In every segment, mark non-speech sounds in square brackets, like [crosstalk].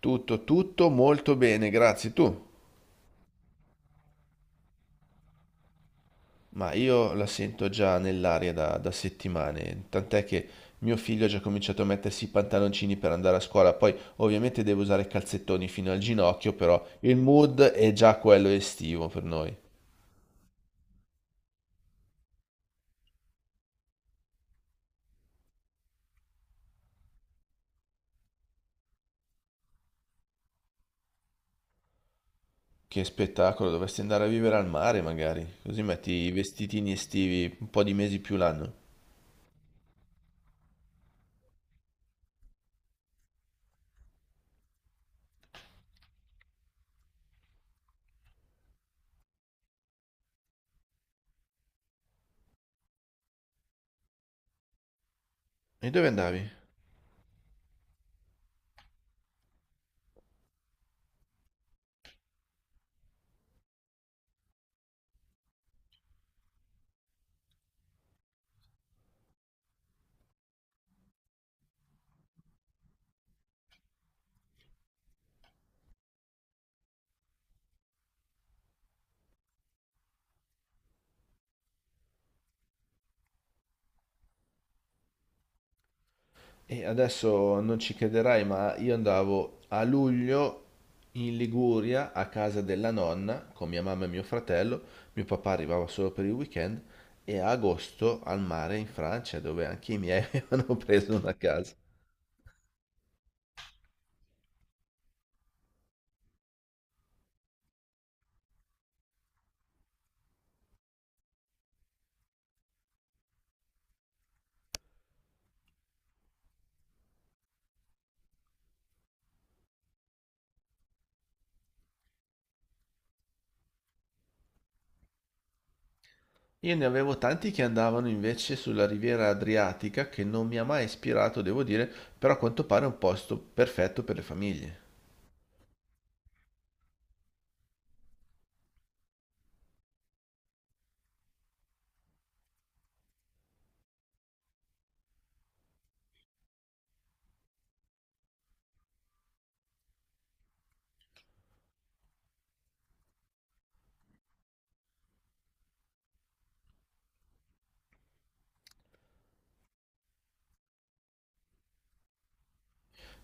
Tutto, tutto molto bene, grazie. Tu? Ma io la sento già nell'aria da settimane, tant'è che mio figlio ha già cominciato a mettersi i pantaloncini per andare a scuola, poi ovviamente deve usare i calzettoni fino al ginocchio, però il mood è già quello estivo per noi. Che spettacolo, dovresti andare a vivere al mare magari, così metti i vestitini estivi un po' di mesi più l'anno. E dove andavi? E adesso non ci crederai, ma io andavo a luglio in Liguria a casa della nonna con mia mamma e mio fratello, mio papà arrivava solo per il weekend e a agosto al mare in Francia dove anche i miei [laughs] avevano preso una casa. Io ne avevo tanti che andavano invece sulla riviera Adriatica che non mi ha mai ispirato, devo dire, però a quanto pare è un posto perfetto per le famiglie.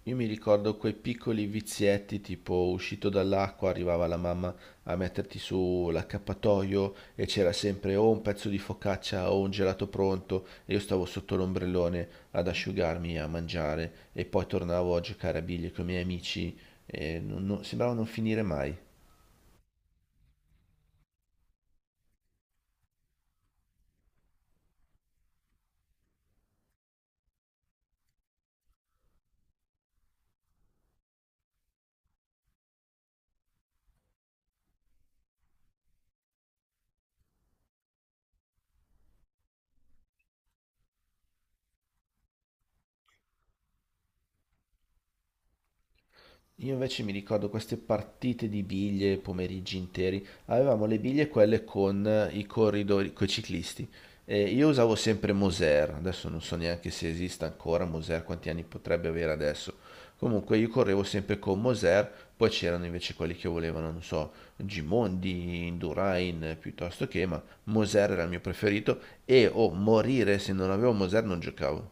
Io mi ricordo quei piccoli vizietti, tipo uscito dall'acqua, arrivava la mamma a metterti su l'accappatoio e c'era sempre o un pezzo di focaccia o un gelato pronto e io stavo sotto l'ombrellone ad asciugarmi, a mangiare e poi tornavo a giocare a biglie con i miei amici e sembrava non finire mai. Io invece mi ricordo queste partite di biglie, pomeriggi interi. Avevamo le biglie quelle con i corridori, con i ciclisti. E io usavo sempre Moser, adesso non so neanche se esista ancora Moser, quanti anni potrebbe avere adesso. Comunque io correvo sempre con Moser, poi c'erano invece quelli che volevano, non so, Gimondi, Indurain, piuttosto che, ma Moser era il mio preferito e o morire se non avevo Moser non giocavo.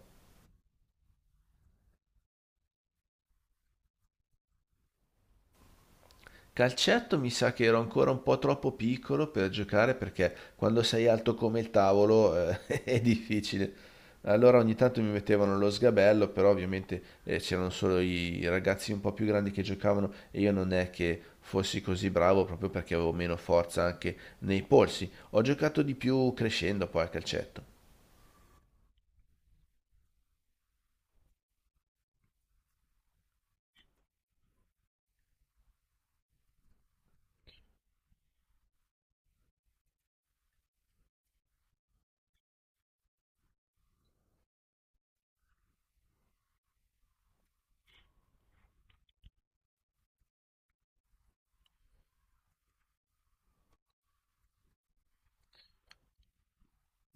Calcetto mi sa che ero ancora un po' troppo piccolo per giocare perché quando sei alto come il tavolo [laughs] è difficile. Allora ogni tanto mi mettevano lo sgabello, però ovviamente c'erano solo i ragazzi un po' più grandi che giocavano e io non è che fossi così bravo proprio perché avevo meno forza anche nei polsi. Ho giocato di più crescendo poi a calcetto.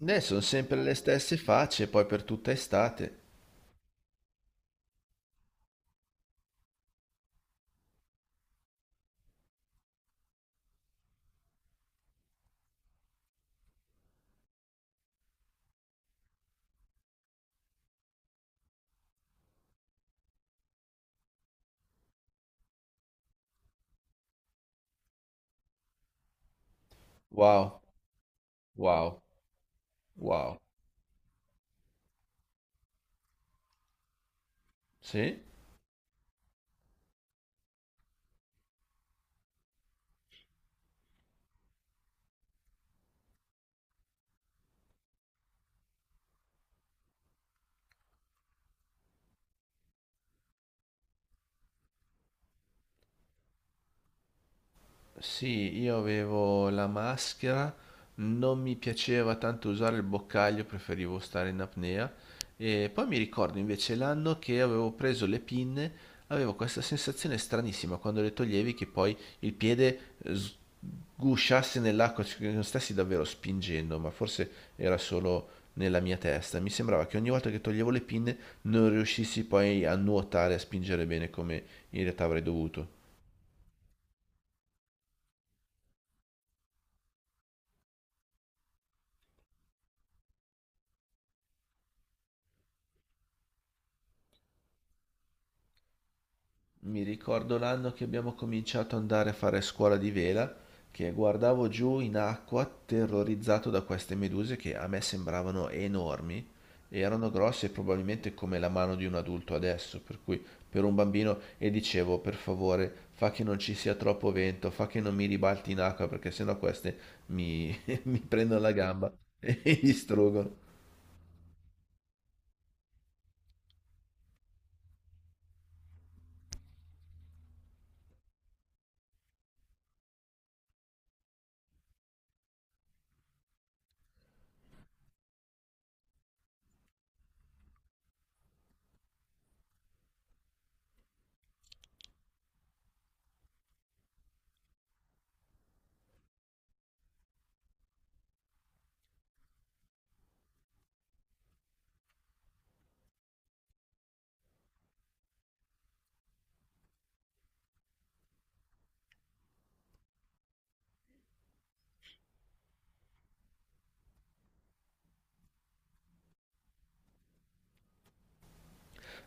Ne sono sempre le stesse facce, poi per tutta estate. Wow, wow, wow. Sì? Sì, io avevo la maschera, non mi piaceva tanto usare il boccaglio, preferivo stare in apnea. E poi mi ricordo invece l'anno che avevo preso le pinne, avevo questa sensazione stranissima quando le toglievi che poi il piede eh, sgusciasse nell'acqua, cioè che non stessi davvero spingendo, ma forse era solo nella mia testa. Mi sembrava che ogni volta che toglievo le pinne non riuscissi poi a nuotare, a spingere bene come in realtà avrei dovuto. Mi ricordo l'anno che abbiamo cominciato ad andare a fare scuola di vela, che guardavo giù in acqua terrorizzato da queste meduse che a me sembravano enormi, e erano grosse probabilmente come la mano di un adulto adesso, per cui per un bambino e dicevo per favore fa che non ci sia troppo vento, fa che non mi ribalti in acqua perché sennò queste mi, [laughs] mi prendono la gamba e [laughs] mi distruggono.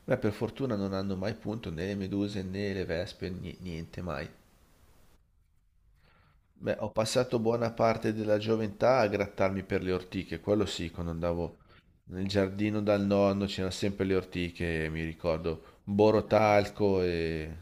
Beh, per fortuna non hanno mai punto né le meduse né le vespe, niente mai. Beh, ho passato buona parte della gioventù a grattarmi per le ortiche, quello sì, quando andavo nel giardino dal nonno c'erano sempre le ortiche, mi ricordo, borotalco e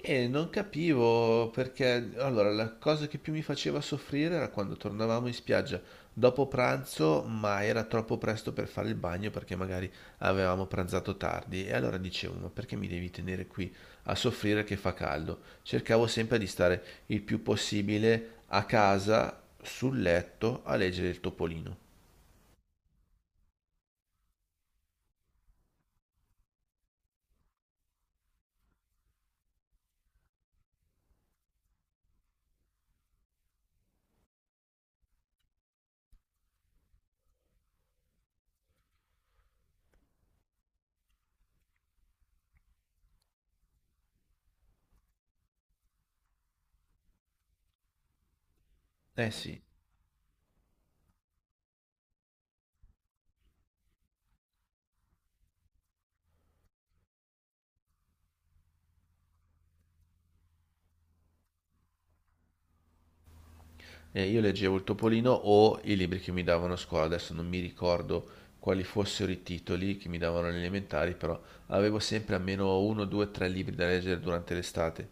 E non capivo perché, allora, la cosa che più mi faceva soffrire era quando tornavamo in spiaggia dopo pranzo, ma era troppo presto per fare il bagno perché magari avevamo pranzato tardi. E allora dicevo, ma perché mi devi tenere qui a soffrire che fa caldo? Cercavo sempre di stare il più possibile a casa, sul letto, a leggere il Topolino. Eh sì. Io leggevo il Topolino o i libri che mi davano a scuola, adesso non mi ricordo quali fossero i titoli che mi davano alle elementari, però avevo sempre almeno uno, due, tre libri da leggere durante l'estate.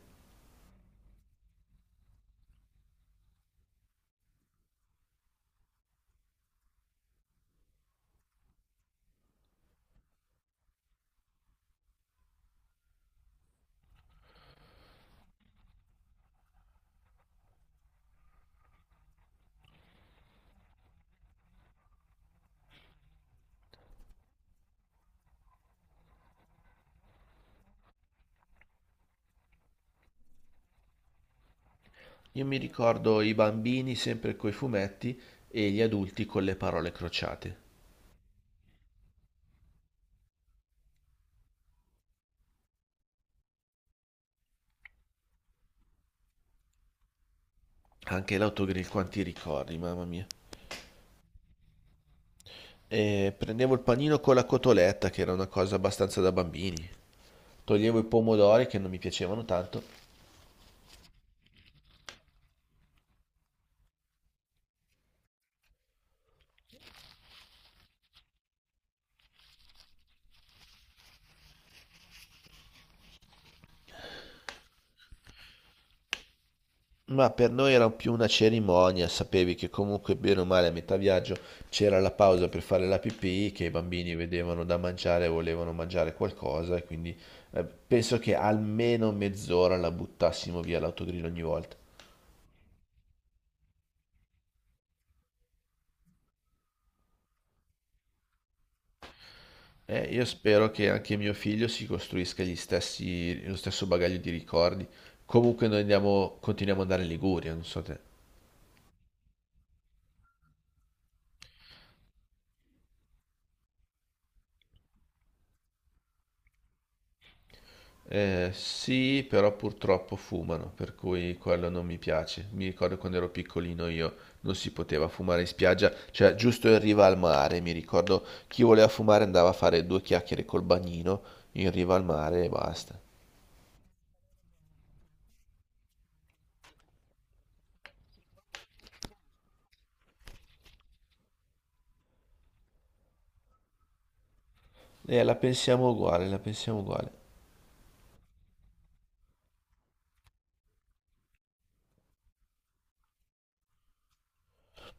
Io mi ricordo i bambini sempre coi fumetti e gli adulti con le parole crociate. Anche l'autogrill, quanti ricordi, mamma mia. E prendevo il panino con la cotoletta, che era una cosa abbastanza da bambini. Toglievo i pomodori che non mi piacevano tanto. Ma per noi era più una cerimonia, sapevi che comunque bene o male a metà viaggio c'era la pausa per fare la pipì, che i bambini vedevano da mangiare, e volevano mangiare qualcosa e quindi penso che almeno mezz'ora la buttassimo via l'autogrill ogni volta. Io spero che anche mio figlio si costruisca gli stessi, lo stesso bagaglio di ricordi. Comunque noi andiamo, continuiamo ad andare in Liguria, non so te. Sì, però purtroppo fumano, per cui quello non mi piace. Mi ricordo quando ero piccolino io non si poteva fumare in spiaggia, cioè giusto in riva al mare. Mi ricordo chi voleva fumare andava a fare due chiacchiere col bagnino in riva al mare e basta. La pensiamo uguale, la pensiamo uguale.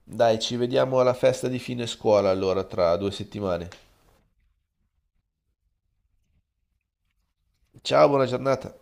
Dai, ci vediamo alla festa di fine scuola allora tra 2 settimane. Ciao, buona giornata.